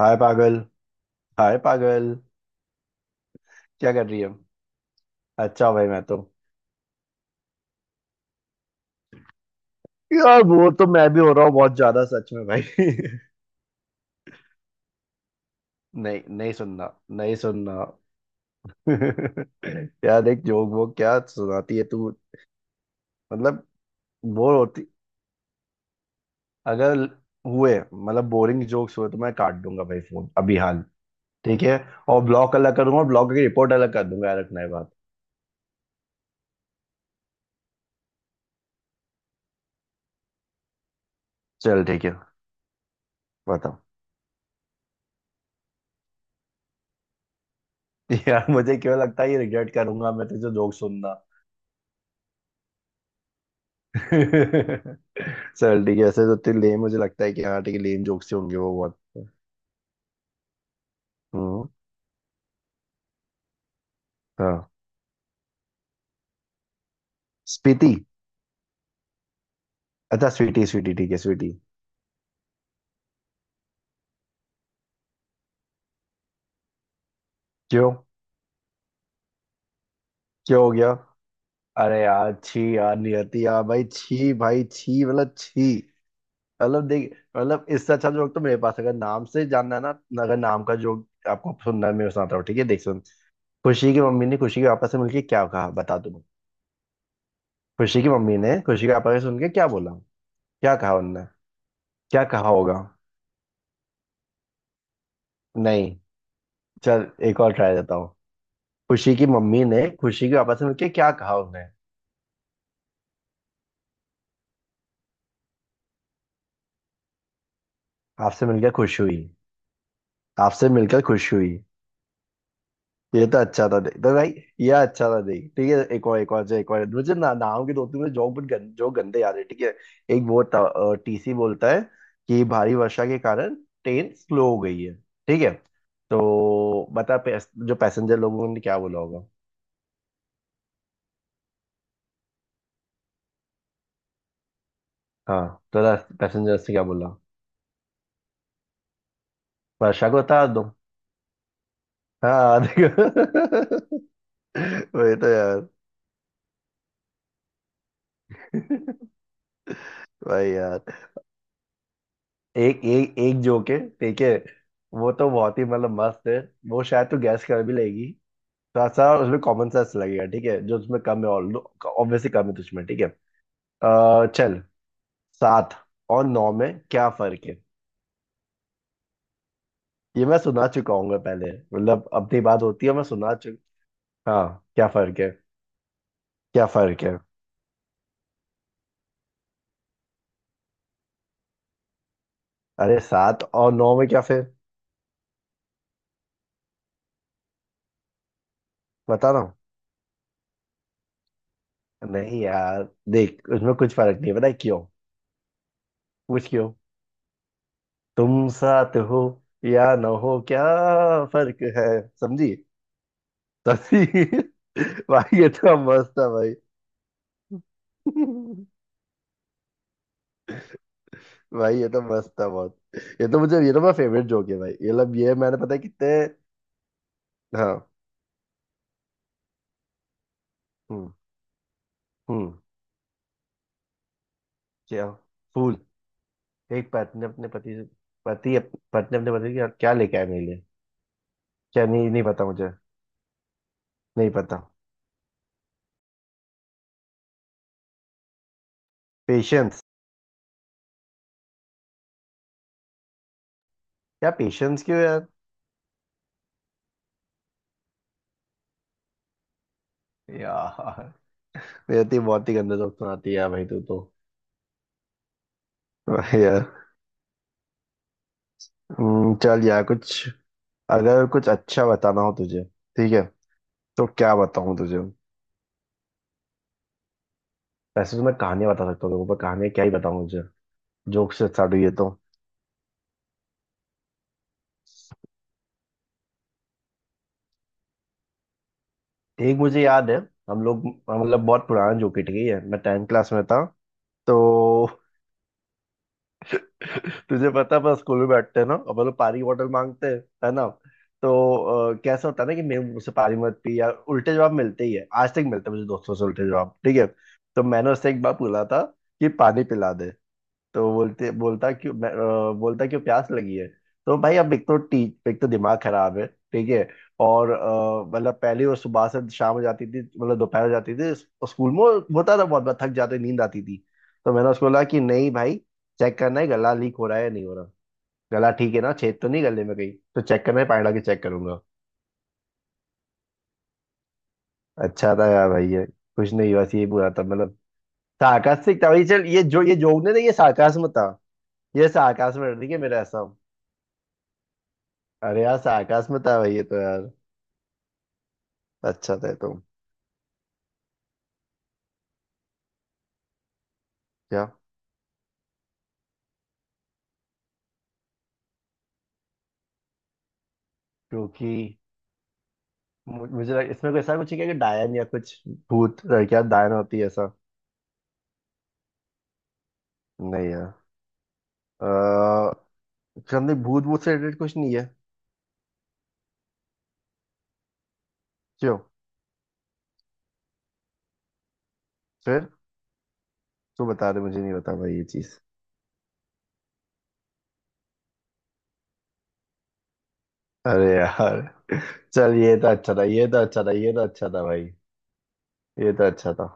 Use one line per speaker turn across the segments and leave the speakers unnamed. हाय पागल। हाय पागल। क्या कर रही है? अच्छा भाई, मैं तो... यार, वो तो मैं भी हो रहा हूँ बहुत ज्यादा, सच में भाई। नहीं नहीं सुनना। नहीं सुनना। यार, एक जोक वो क्या सुनाती है तू? मतलब, बोर होती... अगर हुए, मतलब बोरिंग जोक्स हुए तो मैं काट दूंगा भाई फोन अभी हाल। ठीक है, और ब्लॉक अलग कर दूंगा, ब्लॉक की रिपोर्ट अलग कर दूंगा, यार रखना है बात। चल ठीक है, बताओ। यार, मुझे क्यों लगता है ये रिग्रेट करूंगा मैं तुझे जोक सुनना। चल ठीक है, ऐसे तो इतने लेम... मुझे लगता है कि हाँ ठीक है, लेम जोक्स ही होंगे वो बहुत। हम्म। हाँ। स्पीति। अच्छा स्वीटी स्वीटी, ठीक है स्वीटी। क्यों? क्यों हो गया? अरे यार छी, यार नियति यार, भाई छी, भाई छी, मतलब छी। मतलब देख, मतलब इससे अच्छा जोक तो मेरे पास है। अगर नाम से जानना है ना, अगर नाम का जोक आपको सुनना है, मैं सुनाता हूँ ठीक है, देख सुन। खुशी की मम्मी ने खुशी के पापा से मिलके क्या कहा, बता तुम। खुशी की मम्मी ने खुशी के पापा से सुन के क्या बोला? क्या कहा उनने? क्या कहा होगा? नहीं। चल एक और ट्राई देता हूँ। खुशी की मम्मी ने खुशी के पापा से मिलके क्या कहा उन्हें? आपसे मिलकर खुश हुई। आपसे मिलकर खुश हुई। ये तो अच्छा था देख तो भाई। ये अच्छा था देख, ठीक है। एक और, एक और जो, एक और मुझे ना, नाम के दो तीन मुझे जोक जो गंदे याद है, ठीक है। एक वो था, टीसी बोलता है कि भारी वर्षा के कारण ट्रेन स्लो हो गई है, ठीक है। तो बता, जो पैसेंजर लोगों ने क्या बोला होगा? हाँ, तो पैसेंजर से क्या बोला? वर्षा को उतार दो। हाँ देखो। वही तो यार। भाई यार। एक एक एक जोक है, ठीक है। वो तो बहुत ही मतलब मस्त है। वो शायद तो गैस कर भी लेगी। थोड़ा सा उसमें कॉमन सेंस लगेगा, ठीक है, जो उसमें कम है, ऑल ऑब्वियसली कम है तुझमें, ठीक है। चल, सात और नौ में क्या फर्क है? ये मैं सुना चुका हूँ पहले, मतलब अपनी बात होती है, मैं सुना चुका। हाँ, क्या फर्क है? क्या फर्क है? अरे सात और नौ में क्या, फिर बता रहा हूँ। नहीं यार देख, उसमें कुछ फर्क नहीं है, पता है क्यों? पूछ क्यों। तुम साथ हो या न हो, क्या फर्क है? समझी? समझी। भाई ये तो मस्त था भाई। भाई ये तो मस्त था बहुत। ये तो मेरा फेवरेट जोक है भाई, ये लब ये मैंने पता है कितने... हाँ। हम्म। हम्म। क्या? फूल। एक पत्नी अपने पति से... पत्नी अपने पति की क्या लेके आए मेरे लिए? क्या? नहीं नहीं पता मुझे। नहीं पता। पेशेंस? क्या पेशेंस? क्यों यार? यार, ये तो बहुत ही गंदा जोक सुनाती है यार भाई तू तो। यार। चल यार, कुछ अगर कुछ अच्छा बताना हो तुझे, ठीक है, तो क्या बताऊं तुझे? वैसे तो मैं कहानियां बता सकता हूँ लोगों पर, कहानियां क्या ही बताऊं तुझे? जोक से स्टार्ट हुई है तो... एक मुझे याद है। हम लोग, मतलब बहुत पुराना जोक ही ठीक है, मैं टेंथ क्लास में था तो... तुझे पता है अपन स्कूल में बैठते हैं ना, अपन लोग पानी बॉटल मांगते हैं, है ना? तो कैसा होता है ना कि मेरे मुझसे पानी मत पी यार, उल्टे जवाब मिलते ही है, आज तक मिलते हैं मुझे दोस्तों से उल्टे जवाब, ठीक है। तो मैंने उससे एक बार बोला था कि पानी पिला दे। तो बोलते, बोलता क्यों प्यास लगी है। तो भाई, अब एक तो दिमाग खराब है, ठीक है। और मतलब पहले वो सुबह से शाम हो जाती थी, मतलब दोपहर हो जाती थी स्कूल में, होता था बहुत बार थक जाते नींद आती थी। तो मैंने उसको बोला कि नहीं भाई, चेक करना है गला लीक हो रहा है या नहीं हो रहा, गला ठीक है ना, छेद तो नहीं गले में कहीं, तो चेक करना है पानी डाल के चेक करूंगा। अच्छा था यार भाई ये। कुछ नहीं, बस ये बुरा था मतलब। सार्कास्टिक था भाई, चल ये जो ये जोक नहीं था, ये सार्कास्म था। ये सार्कास्म है, ठीक है, मेरा ऐसा। अरे यार सार्कास्म था भाई ये तो यार। अच्छा था ये तो। क्या? क्योंकि मुझे इसमें कोई ऐसा कुछ है क्या, कि डायन या कुछ, भूत, लड़कियां डायन होती है ऐसा? नहीं यार। अः हमने भूत, से रिलेटेड कुछ नहीं है। क्यों? फिर तू बता दे, मुझे नहीं बता भाई ये चीज। अरे यार। चल ये तो अच्छा था, ये तो अच्छा था, ये तो अच्छा था भाई। ये तो अच्छा था।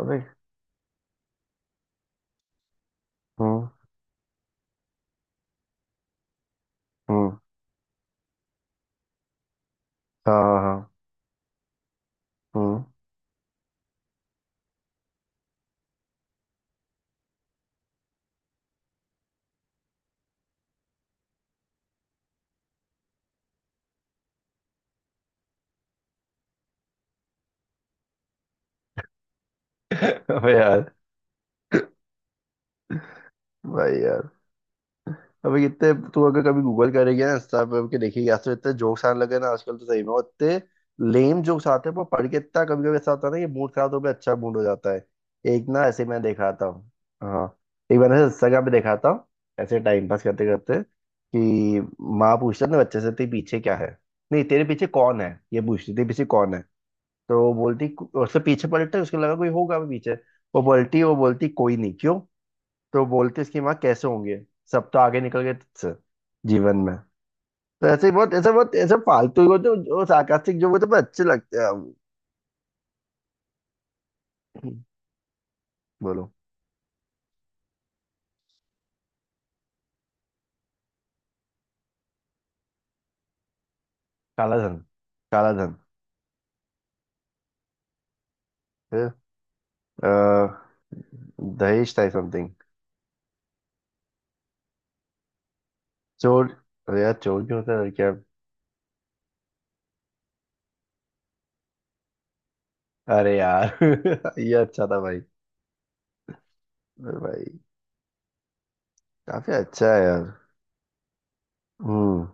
अबे। हम्म। हम्म। हाँ हाँ हाँ, हम्म। अबे यार। भाई यार। अबे इतने, तू अगर कभी गूगल करेगी ना, इंस्टा पे के देखेगी, आज तो इतने जोक्स आने लगे ना आजकल तो सही में, और इतने लेम जोक्स आते हैं वो पढ़ के, इतना कभी कभी ऐसा होता है ना कि मूड खराब हो गया अच्छा मूड हो जाता है। एक ना ऐसे मैं देखा था। हाँ। एक मैंने इंस्टाग्राम पे देखा था ऐसे टाइम पास करते करते कि माँ पूछता ना बच्चे से, तेरे पीछे क्या है, नहीं तेरे पीछे कौन है, ये पूछती तेरे पीछे कौन है। तो वो बोलती... उससे पीछे पलटता है, उसको लगा कोई होगा भी पीछे। वो बोलती कोई नहीं क्यों। तो बोलते इसकी माँ, कैसे होंगे, सब तो आगे निकल गए तुझसे जीवन में। तो ऐसे ही बहुत ऐसे, बहुत ऐसे फालतू ही होते हैं, जो सार्कास्टिक जो होते हैं, पर अच्छे लगते हैं हम। बोलो। काला धन। काला धन। फिर अ, दहेज था समथिंग। चोर? अरे यार चोर भी होता है क्या? अरे यार ये अच्छा था भाई। अरे भाई, काफी अच्छा है यार। हम्म।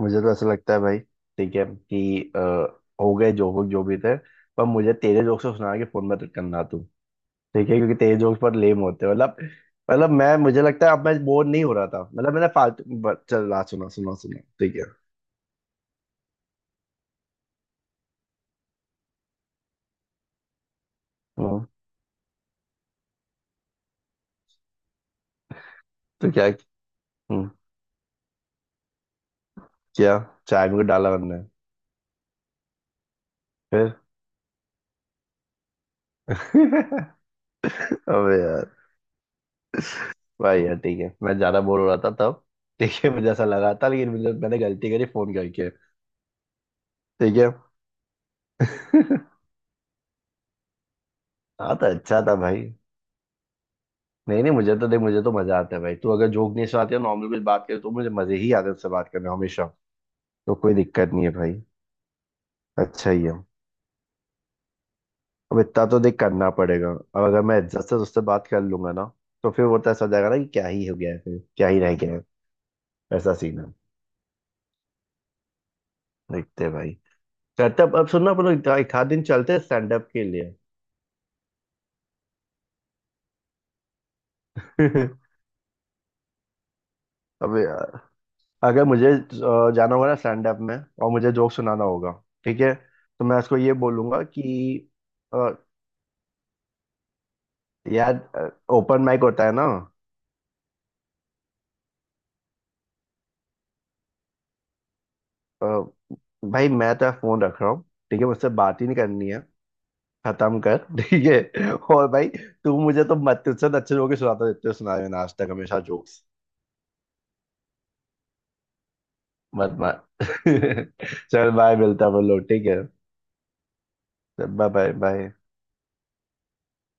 मुझे तो ऐसा लगता है भाई, ठीक है कि हो गए जो हो, जो भी थे, पर मुझे तेरे जोक से सुना के फोन मत करना तू, ठीक है, क्योंकि तेज जोक्स पर लेम होते हैं मतलब। मतलब मैं, मुझे लगता है अब मैं बोर नहीं हो रहा था मतलब, मैंने फालतू चल रहा सुना सुना सुना, ठीक है। हम्म, तो क्या? हम्म, क्या, चाय में कुछ डाला हमने? फिर? अबे यार। भाई यार ठीक है मैं ज्यादा बोर हो रहा था तब, ठीक है, मुझे ऐसा लगा था, लेकिन मुझे मैंने गलती करी फोन करके। ठीक है। हाँ तो अच्छा था भाई। नहीं नहीं, मुझे तो देख, मुझे तो मजा आता है भाई, तू अगर जोक नहीं सुनाती है, नॉर्मल कुछ बात करे तो मुझे मजे ही आते हैं उससे बात करने में हमेशा, तो कोई दिक्कत नहीं है भाई, अच्छा ही है। अब इतना तो देख करना पड़ेगा अब, अगर मैं इज्जत से उससे बात कर लूंगा ना, तो फिर वो तो ऐसा हो जाएगा ना कि क्या ही हो गया है फिर, क्या ही रह गया है, ऐसा सीन है। देखते हैं भाई। चलते अब सुनना अपन लोग एक एक आध दिन चलते हैं स्टैंड अप के लिए। अब यार, अगर मुझे जाना होगा ना स्टैंड अप में और मुझे जोक सुनाना होगा, ठीक है, तो मैं उसको ये बोलूंगा कि अ, यार, ओपन माइक होता है ना। अ, भाई मैं तो फोन रख रहा हूँ, ठीक है, मुझसे बात ही नहीं करनी है, खत्म कर ठीक है। और भाई तू मुझे तो मत, तुझसे तो अच्छे जोक ही सुनाता रहते हो, सुनाए मैंने आज तक हमेशा जोक्स। मत मार। चल बाय, मिलता है बोलो ठीक है। Bye bye bye.